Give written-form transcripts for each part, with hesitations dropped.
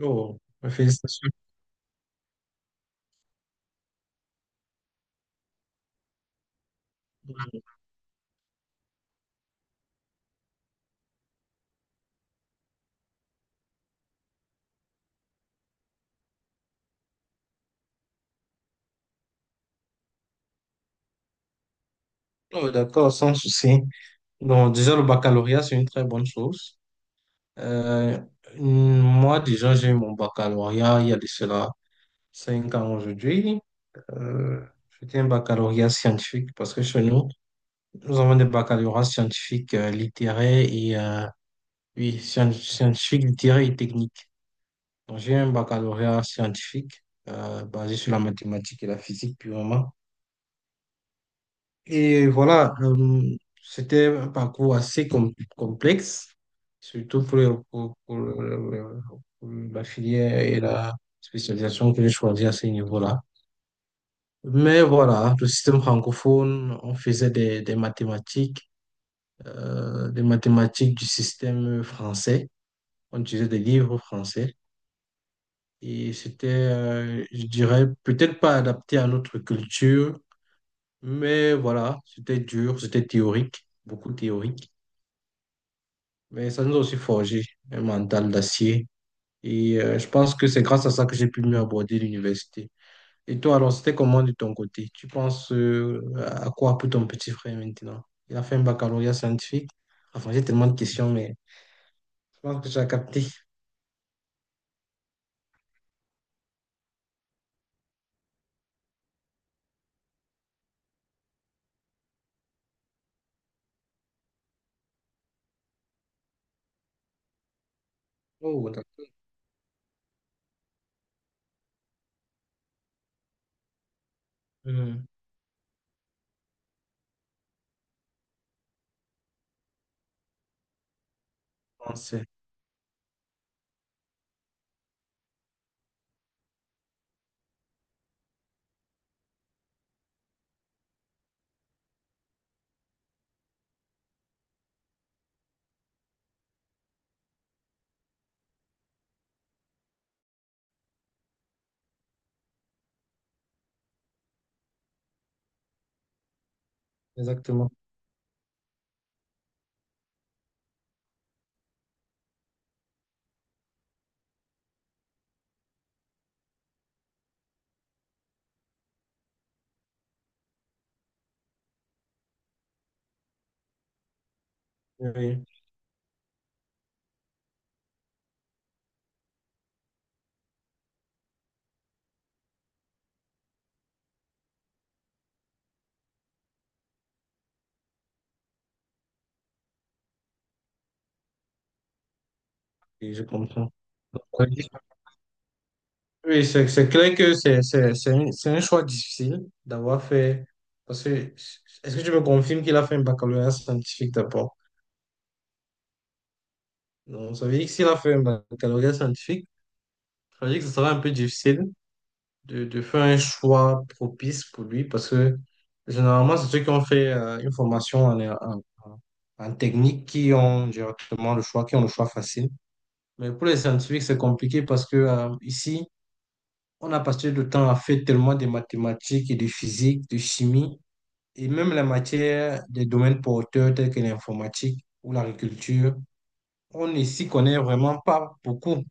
Oh, félicitations. Oh, d'accord, sans souci. Donc, déjà, le baccalauréat, c'est une très bonne chose. Euh, moi, déjà, j'ai eu mon baccalauréat il y a de cela 5 ans aujourd'hui. Euh, c'était un baccalauréat scientifique parce que chez nous, nous avons des baccalauréats scientifiques, littéraires et oui, scientifiques, littéraires et techniques. Donc, j'ai un baccalauréat scientifique basé sur la mathématique et la physique purement. Et voilà, c'était un parcours assez complexe, surtout pour, le- pour le- pour la filière et la spécialisation que j'ai choisie à ce niveau-là. Mais voilà, le système francophone, on faisait des mathématiques, des mathématiques du système français. On utilisait des livres français. Et c'était, je dirais, peut-être pas adapté à notre culture, mais voilà, c'était dur, c'était théorique, beaucoup théorique. Mais ça nous a aussi forgé un mental d'acier. Et je pense que c'est grâce à ça que j'ai pu mieux aborder l'université. Et toi, alors, c'était comment de ton côté? Tu penses à quoi pour ton petit frère maintenant? Il a fait un baccalauréat scientifique. Enfin, j'ai tellement de questions, mais je pense que tu as capté. Oh, d'accord. Mhm. On sait. Exactement. Oui, oui. Et je comprends. Oui, c'est clair que c'est un choix difficile d'avoir fait. Parce que, est-ce que tu me confirmes qu'il a fait un baccalauréat scientifique d'abord? Donc, ça veut dire que s'il a fait un baccalauréat scientifique, ça veut dire que ce sera un peu difficile de faire un choix propice pour lui parce que généralement, c'est ceux qui ont fait une formation en technique qui ont directement le choix, qui ont le choix facile. Mais pour les scientifiques, c'est compliqué parce que ici, on a passé le temps à faire tellement de mathématiques et de physique, de chimie et même la matière des domaines porteurs tels que l'informatique ou l'agriculture. On ne s'y connaît vraiment pas beaucoup.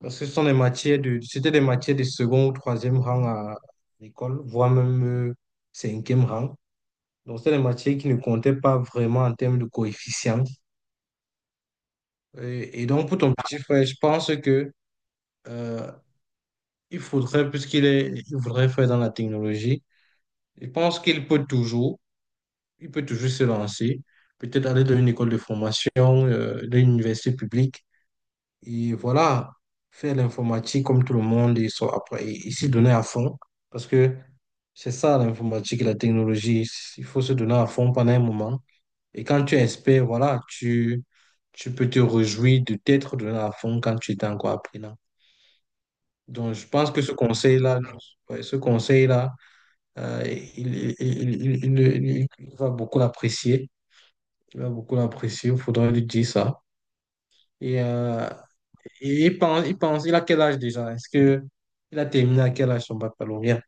Parce que ce sont c'était des matières de second ou troisième rang à l'école, voire même euh, cinquième rang. Donc, c'était des matières qui ne comptaient pas vraiment en termes de coefficients. Et donc, pour ton petit frère, je pense que euh, il faudrait, puisqu'il est, il voudrait faire dans la technologie, je pense qu'il peut toujours, se lancer, peut-être aller dans une école de formation, dans une université publique. Et voilà, faire l'informatique comme tout le monde, ils sont après, ils s'y donner à fond. Parce que c'est ça l'informatique, et la technologie. Il faut se donner à fond pendant un moment. Et quand tu es expert, voilà, tu peux te réjouir de t'être donné à fond quand tu étais encore apprenant. Donc, je pense que ce conseil-là, ouais, ce conseil-là, il va beaucoup l'apprécier. Il va beaucoup l'apprécier. Il faudra lui dire ça. Et euh, il a quel âge déjà? Est-ce que il a terminé à quel âge son baccalauréat?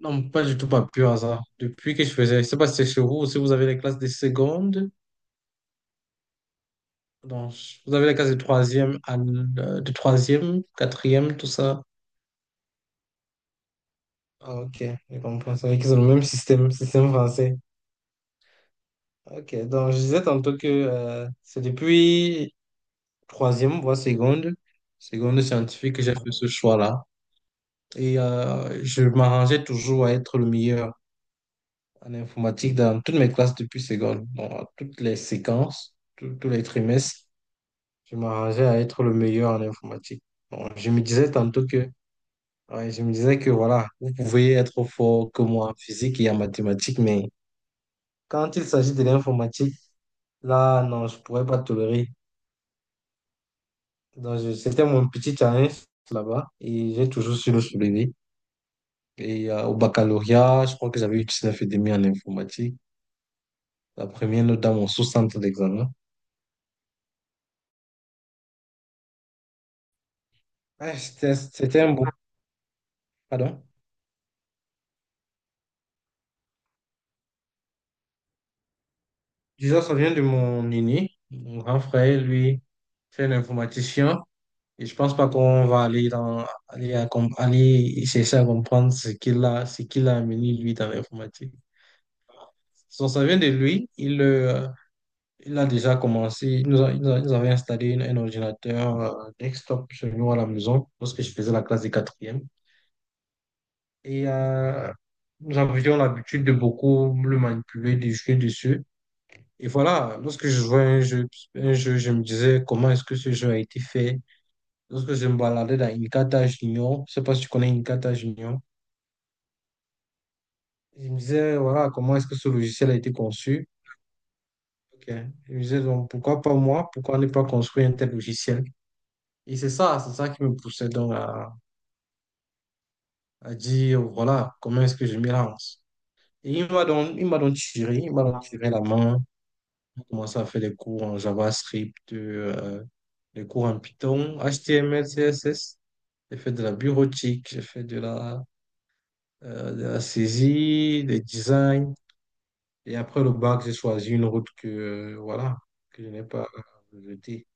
Non, pas du tout, pas pur hasard. Depuis que je faisais, je sais pas si c'est chez vous, si vous avez les classes de seconde, donc vous avez les classes de troisième, de troisième, quatrième, tout ça. Ah, ok, je comprends. C'est vrai qu'ils ont le même système, système français. Ok, donc je disais tantôt que c'est depuis troisième, voire seconde, seconde scientifique que j'ai fait ce choix-là. Et je m'arrangeais toujours à être le meilleur en informatique dans toutes mes classes depuis seconde. Bon, à toutes les séquences, tous les trimestres, je m'arrangeais à être le meilleur en informatique. Bon, je me disais tantôt que, ouais, je me disais que voilà, vous pouvez être fort que moi en physique et en mathématiques, mais quand il s'agit de l'informatique, là, non, je pourrais pas tolérer. Donc, c'était mon petit challenge là-bas et j'ai toujours su le soulever. Et au baccalauréat, je crois que j'avais eu 19,5 en informatique, la première note dans mon sous-centre d'examen. Ouais, c'était un bon. Pardon? Disons, ça vient de mon aîné, mon grand frère, lui, c'est un informaticien. Et je pense pas qu'on va aller essayer à comprendre ce qu'il a amené, lui, dans l'informatique. Donc, ça vient de lui. Il a déjà commencé. Il nous avait installé un ordinateur desktop chez nous à la maison lorsque je faisais la classe des quatrièmes. Et nous avions l'habitude de beaucoup le manipuler, de jouer dessus. Et voilà, lorsque je jouais à un jeu, je me disais comment est-ce que ce jeu a été fait. Lorsque je me baladais dans Inkata Junior, je sais pas si tu connais Inkata Junior, je me disais, voilà, comment est-ce que ce logiciel a été conçu. Ok. Je me disais, donc, pourquoi pas moi? Pourquoi ne pas construire un tel logiciel? Et c'est ça qui me poussait donc à dire, voilà, comment est-ce que je m'y lance. Et il m'a donc tiré la main. J'ai commencé à faire des cours en JavaScript, des cours en Python, HTML, CSS. J'ai fait de la bureautique, j'ai fait de la saisie, des designs. Et après le bac, j'ai choisi une route que, voilà, que je n'ai pas jetée.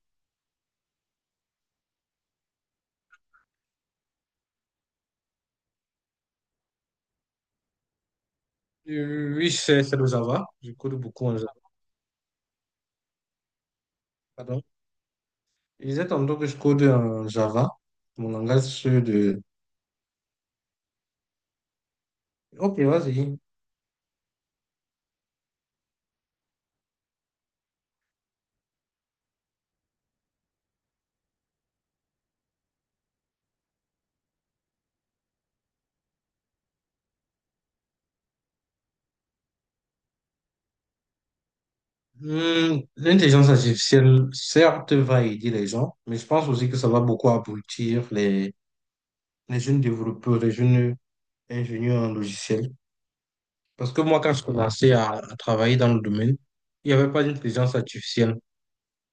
Oui, c'est le Java. Je code beaucoup en Java. Pardon. Il disait tantôt que je code en Java, mon langage de. Ok, vas-y. L'intelligence artificielle, certes, va aider les gens, mais je pense aussi que ça va beaucoup abrutir les jeunes développeurs, les jeunes ingénieurs en logiciel. Parce que moi, quand je commençais à travailler dans le domaine, il n'y avait pas d'intelligence artificielle.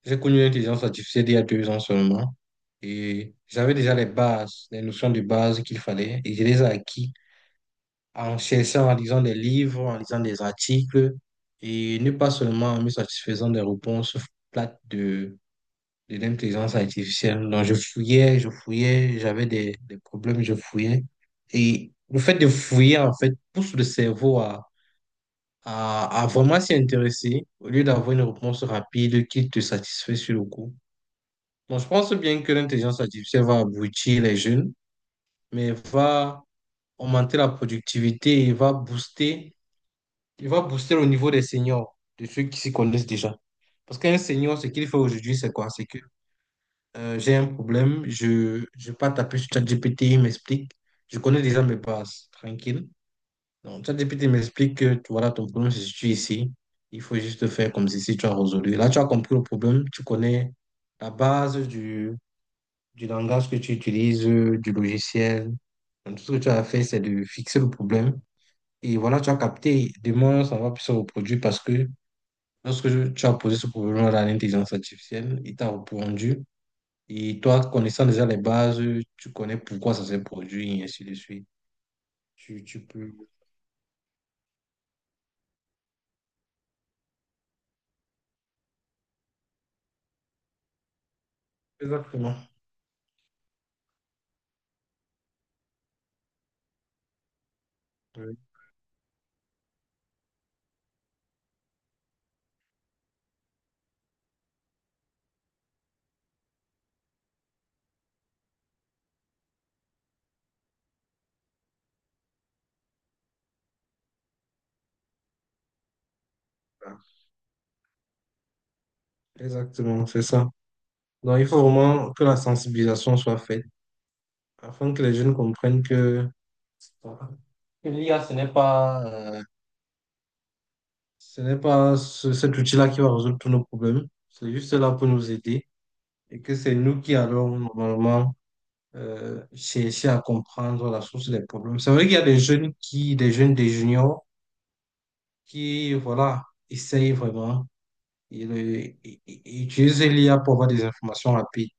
J'ai connu l'intelligence artificielle il y a 2 ans seulement. Et j'avais déjà les bases, les notions de base qu'il fallait. Et je les ai acquis en cherchant, en lisant des livres, en lisant des articles. Et ne pas seulement en me satisfaisant des réponses plates de l'intelligence artificielle. Donc, je fouillais, j'avais des problèmes, je fouillais. Et le fait de fouiller, en fait, pousse le cerveau à vraiment s'y intéresser au lieu d'avoir une réponse rapide qui te satisfait sur le coup. Bon, je pense bien que l'intelligence artificielle va aboutir les jeunes, mais va augmenter la productivité et il va booster le niveau des seniors, de ceux qui s'y connaissent déjà. Parce qu'un senior, ce qu'il fait aujourd'hui, c'est quoi? C'est que j'ai un problème, je ne vais pas taper sur ChatGPT, il m'explique. Je connais déjà mes bases, tranquille. Donc, ChatGPT m'explique que voilà, ton problème se situe ici. Il faut juste faire comme si tu as résolu. Là, tu as compris le problème, tu connais la base du langage que tu utilises, du logiciel. Donc, tout ce que tu as fait, c'est de fixer le problème. Et voilà, tu as capté. Demain, ça va plus se reproduire parce que lorsque tu as posé ce problème à l'intelligence artificielle, il t'a répondu. Et toi, connaissant déjà les bases, tu connais pourquoi ça s'est produit, et ainsi de suite. Tu peux. Exactement. Oui. Exactement, c'est ça. Donc, il faut vraiment que la sensibilisation soit faite afin que les jeunes comprennent que, voilà, que l'IA, ce n'est pas cet outil-là qui va résoudre tous nos problèmes. C'est juste là pour nous aider et que c'est nous qui allons normalement chercher à comprendre la source des problèmes. C'est vrai qu'il y a des jeunes qui, des jeunes, des juniors qui, voilà, essayent vraiment. Ils utilisent l'IA pour avoir des informations rapides.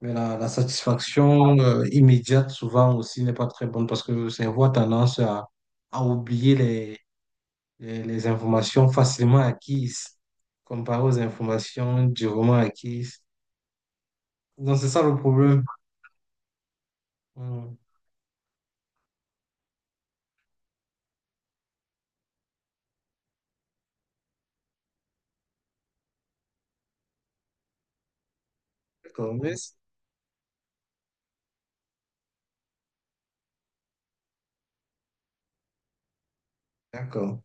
Mais la satisfaction immédiate, souvent aussi, n'est pas très bonne parce que le cerveau a tendance à oublier les informations facilement acquises, comparé aux informations durement acquises. Donc, c'est ça le problème. Hmm. D'accord, merci. D'accord.